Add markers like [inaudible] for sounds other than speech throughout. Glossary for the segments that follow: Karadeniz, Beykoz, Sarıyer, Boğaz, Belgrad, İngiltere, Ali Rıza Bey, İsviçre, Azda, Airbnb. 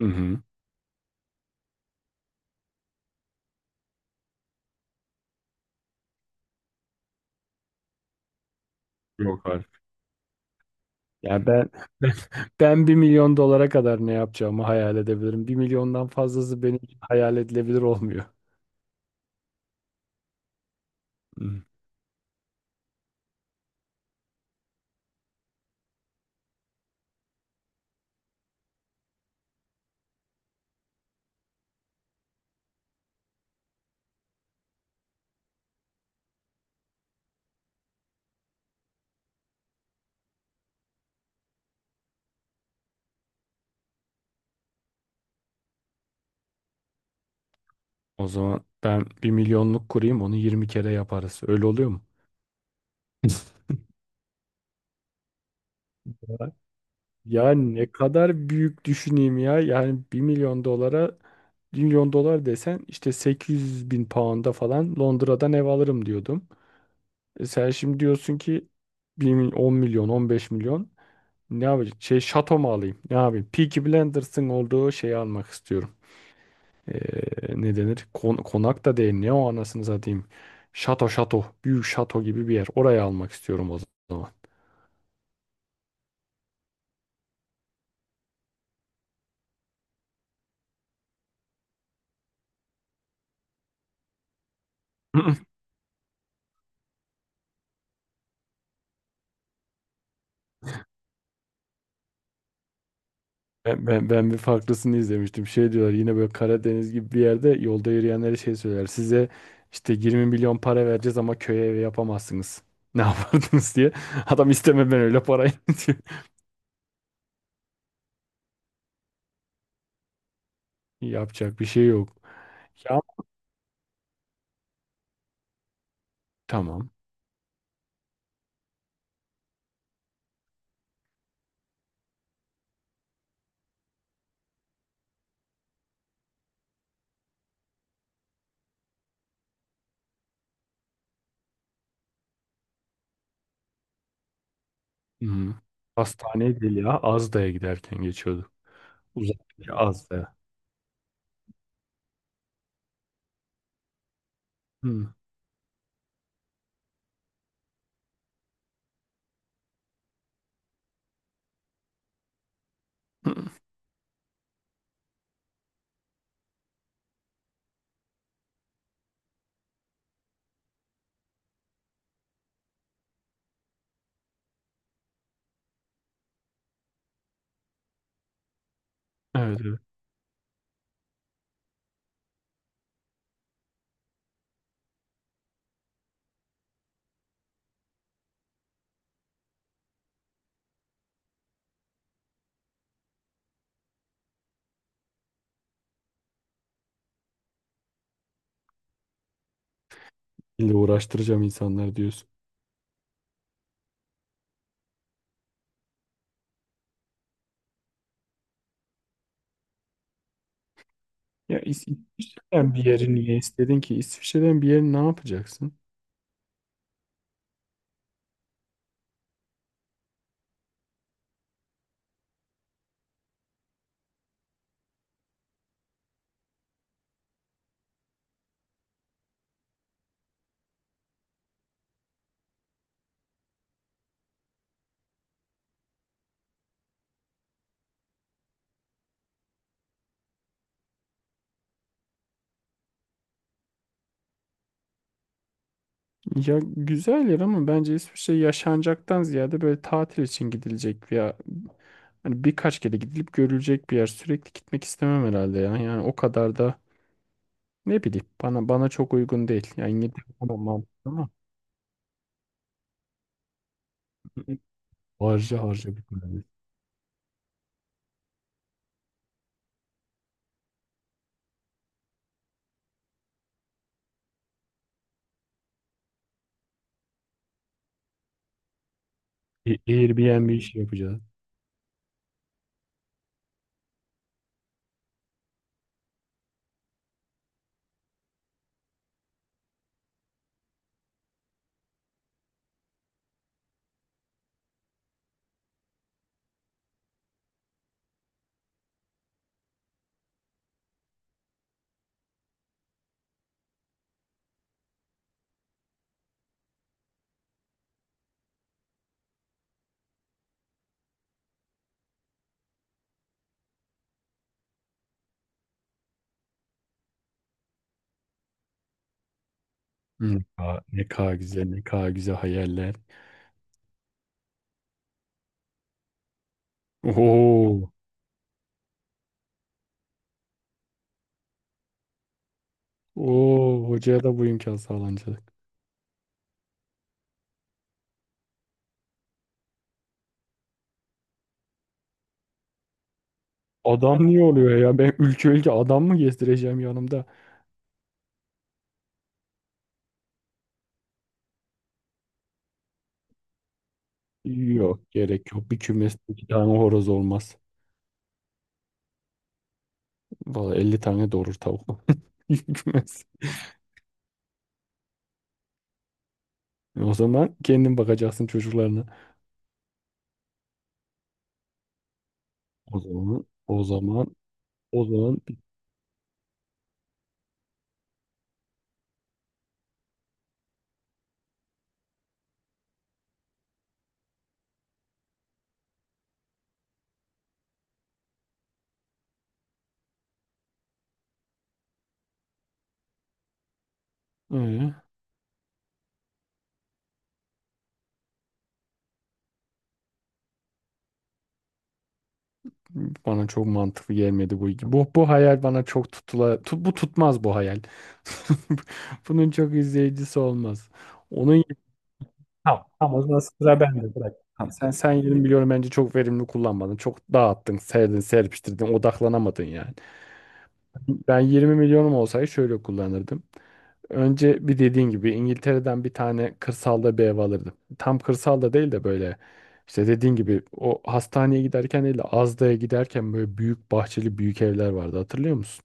Hı hı. Yok artık. Ya ben [laughs] ben ben 1 milyon dolara kadar ne yapacağımı hayal edebilirim. 1 milyondan fazlası benim için hayal edilebilir olmuyor. Hı. O zaman ben 1 milyonluk kurayım, onu 20 kere yaparız. Öyle oluyor mu? [laughs] Ya ya ne kadar büyük düşüneyim ya. Yani 1 milyon dolara 1 milyon dolar desen işte 800 bin pound'a falan Londra'dan ev alırım diyordum. E sen şimdi diyorsun ki 10 milyon, 15 milyon. Ne yapacağım? Şey, şato mu alayım? Ne yapayım? Peaky Blinders'ın olduğu şeyi almak istiyorum. Ee, ne denir? Konak da değil. Ne o, anasını satayım? Şato şato. Büyük şato gibi bir yer. Oraya almak istiyorum o zaman. [clears throat] [laughs] Ben bir farklısını izlemiştim. Şey diyorlar, yine böyle Karadeniz gibi bir yerde yolda yürüyenlere şey söyler. Size işte 20 milyon para vereceğiz ama köye evi yapamazsınız. [laughs] Ne yapardınız diye. Adam, isteme ben öyle parayı [laughs] diyor. Yapacak bir şey yok. Ya tamam. Hı. Hastaneye değil ya. Azda'ya giderken geçiyordu. Uzak bir Azda. Hı. Hı. Evet, evet. İlle uğraştıracağım insanlar diyorsun. Ya İsviçre'den bir yeri niye istedin ki? İsviçre'den bir yeri ne yapacaksın? Ya, güzel yer ama bence İsviçre yaşanacaktan ziyade böyle tatil için gidilecek veya hani birkaç kere gidilip görülecek bir yer. Sürekli gitmek istemem herhalde ya. Yani o kadar da ne bileyim, bana çok uygun değil. Yani İngiltere tamam, mantıklı ama harca harca bitmez. Airbnb işi yapacağız. Ne kadar, ne kadar güzel, ne kadar güzel hayaller. Oo, oo, hocaya da bu imkan sağlanacak. Adam niye oluyor ya? Ben ülke ülke adam mı gezdireceğim yanımda? Yok, gerek yok. Bir kümeste iki tane horoz olmaz. Valla 50 tane doğurur tavuk. [laughs] Bir kümes. O zaman kendin bakacaksın çocuklarına. O zaman, o zaman, o zaman. Ee? Bana çok mantıklı gelmedi bu. Bu hayal bana çok bu tutmaz bu hayal. [laughs] Bunun çok izleyicisi olmaz. Onun Tamam, tamam, o zaman sıra bende, bırak. Tamam. Sen 20 milyon bence çok verimli kullanmadın. Çok dağıttın, serdin, serpiştirdin, odaklanamadın yani. Ben 20 milyonum olsaydı şöyle kullanırdım. Önce bir, dediğin gibi İngiltere'den bir tane kırsalda bir ev alırdım. Tam kırsalda değil de böyle işte, dediğin gibi o hastaneye giderken değil de Azda'ya giderken böyle büyük bahçeli büyük evler vardı, hatırlıyor musun?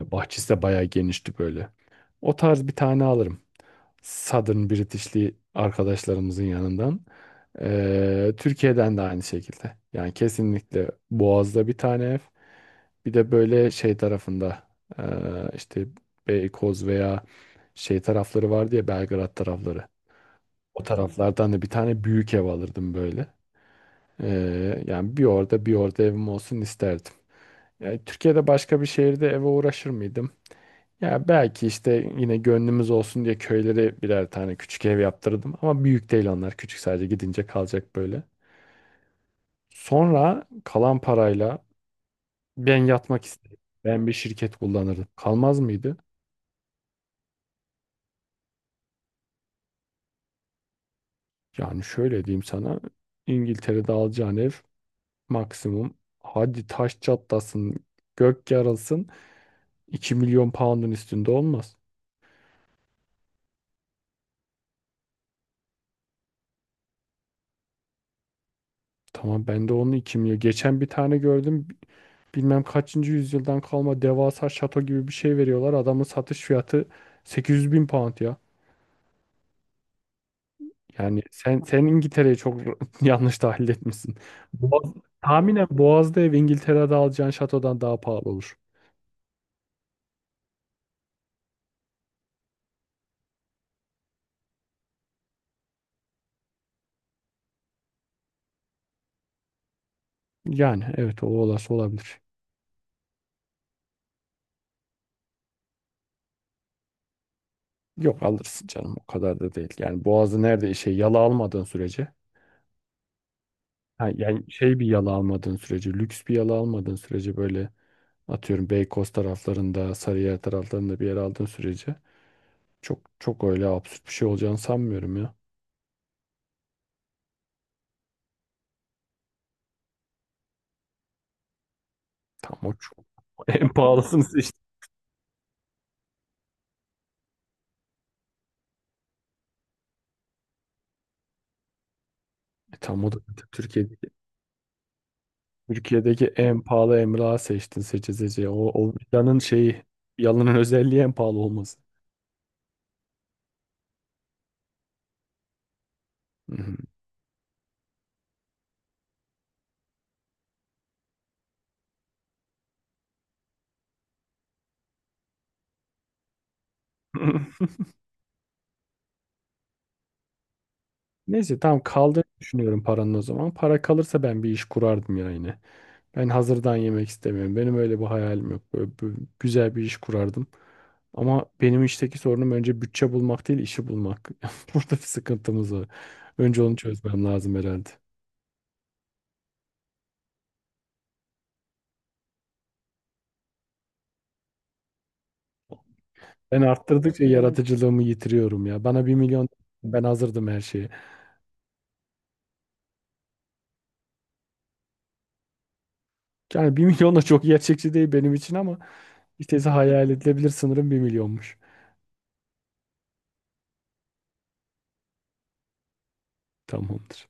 Bahçesi de bayağı genişti böyle. O tarz bir tane alırım. Southern British'li arkadaşlarımızın yanından. Türkiye'den de aynı şekilde. Yani kesinlikle Boğaz'da bir tane ev. Bir de böyle şey tarafında, ee, işte Beykoz veya şey tarafları vardı ya, Belgrad tarafları. O taraflardan da bir tane büyük ev alırdım böyle. Yani bir orada bir orada evim olsun isterdim. Yani Türkiye'de başka bir şehirde eve uğraşır mıydım? Ya belki işte yine gönlümüz olsun diye köylere birer tane küçük ev yaptırdım. Ama büyük değil onlar. Küçük, sadece gidince kalacak böyle. Sonra kalan parayla ben yatmak istedim. Ben bir şirket kullanırdım. Kalmaz mıydı? Yani şöyle diyeyim sana. İngiltere'de alacağın ev maksimum, hadi taş çatlasın, gök yarılsın 2 milyon pound'un üstünde olmaz. Tamam, ben de onun 2 milyon. Geçen bir tane gördüm. Bilmem kaçıncı yüzyıldan kalma devasa şato gibi bir şey veriyorlar. Adamın satış fiyatı 800 bin pound ya. Yani sen İngiltere'yi çok [laughs] yanlış tahlil etmişsin. Boğaz, tahminen Boğaz'da ev İngiltere'de alacağın şatodan daha pahalı olur. Yani evet, o olası olabilir. Yok, alırsın canım, o kadar da değil. Yani Boğaz'ı nerede şey yala almadığın sürece, ha, yani şey bir yala almadığın sürece, lüks bir yala almadığın sürece böyle atıyorum Beykoz taraflarında, Sarıyer taraflarında bir yer aldığın sürece çok çok öyle absürt bir şey olacağını sanmıyorum ya. Tam o [laughs] en pahalısını seçtin. Tam o da Türkiye'deki en pahalı emlak seçtin seçe seçe. O yalanın [laughs] özelliği en pahalı olması. Hı hı. [laughs] Neyse, tamam, kaldığını düşünüyorum paranın o zaman. Para kalırsa ben bir iş kurardım ya yine. Ben hazırdan yemek istemiyorum. Benim öyle bir hayalim yok. Böyle, güzel bir iş kurardım. Ama benim işteki sorunum önce bütçe bulmak değil, işi bulmak. [laughs] Burada bir sıkıntımız var. Önce onu çözmem lazım herhalde. Ben arttırdıkça yaratıcılığımı yitiriyorum ya. Bana 1 milyon, ben hazırdım her şeye. Yani bir [laughs] milyon da çok gerçekçi değil benim için ama işte hayal edilebilir sınırım 1 milyonmuş. Tamamdır.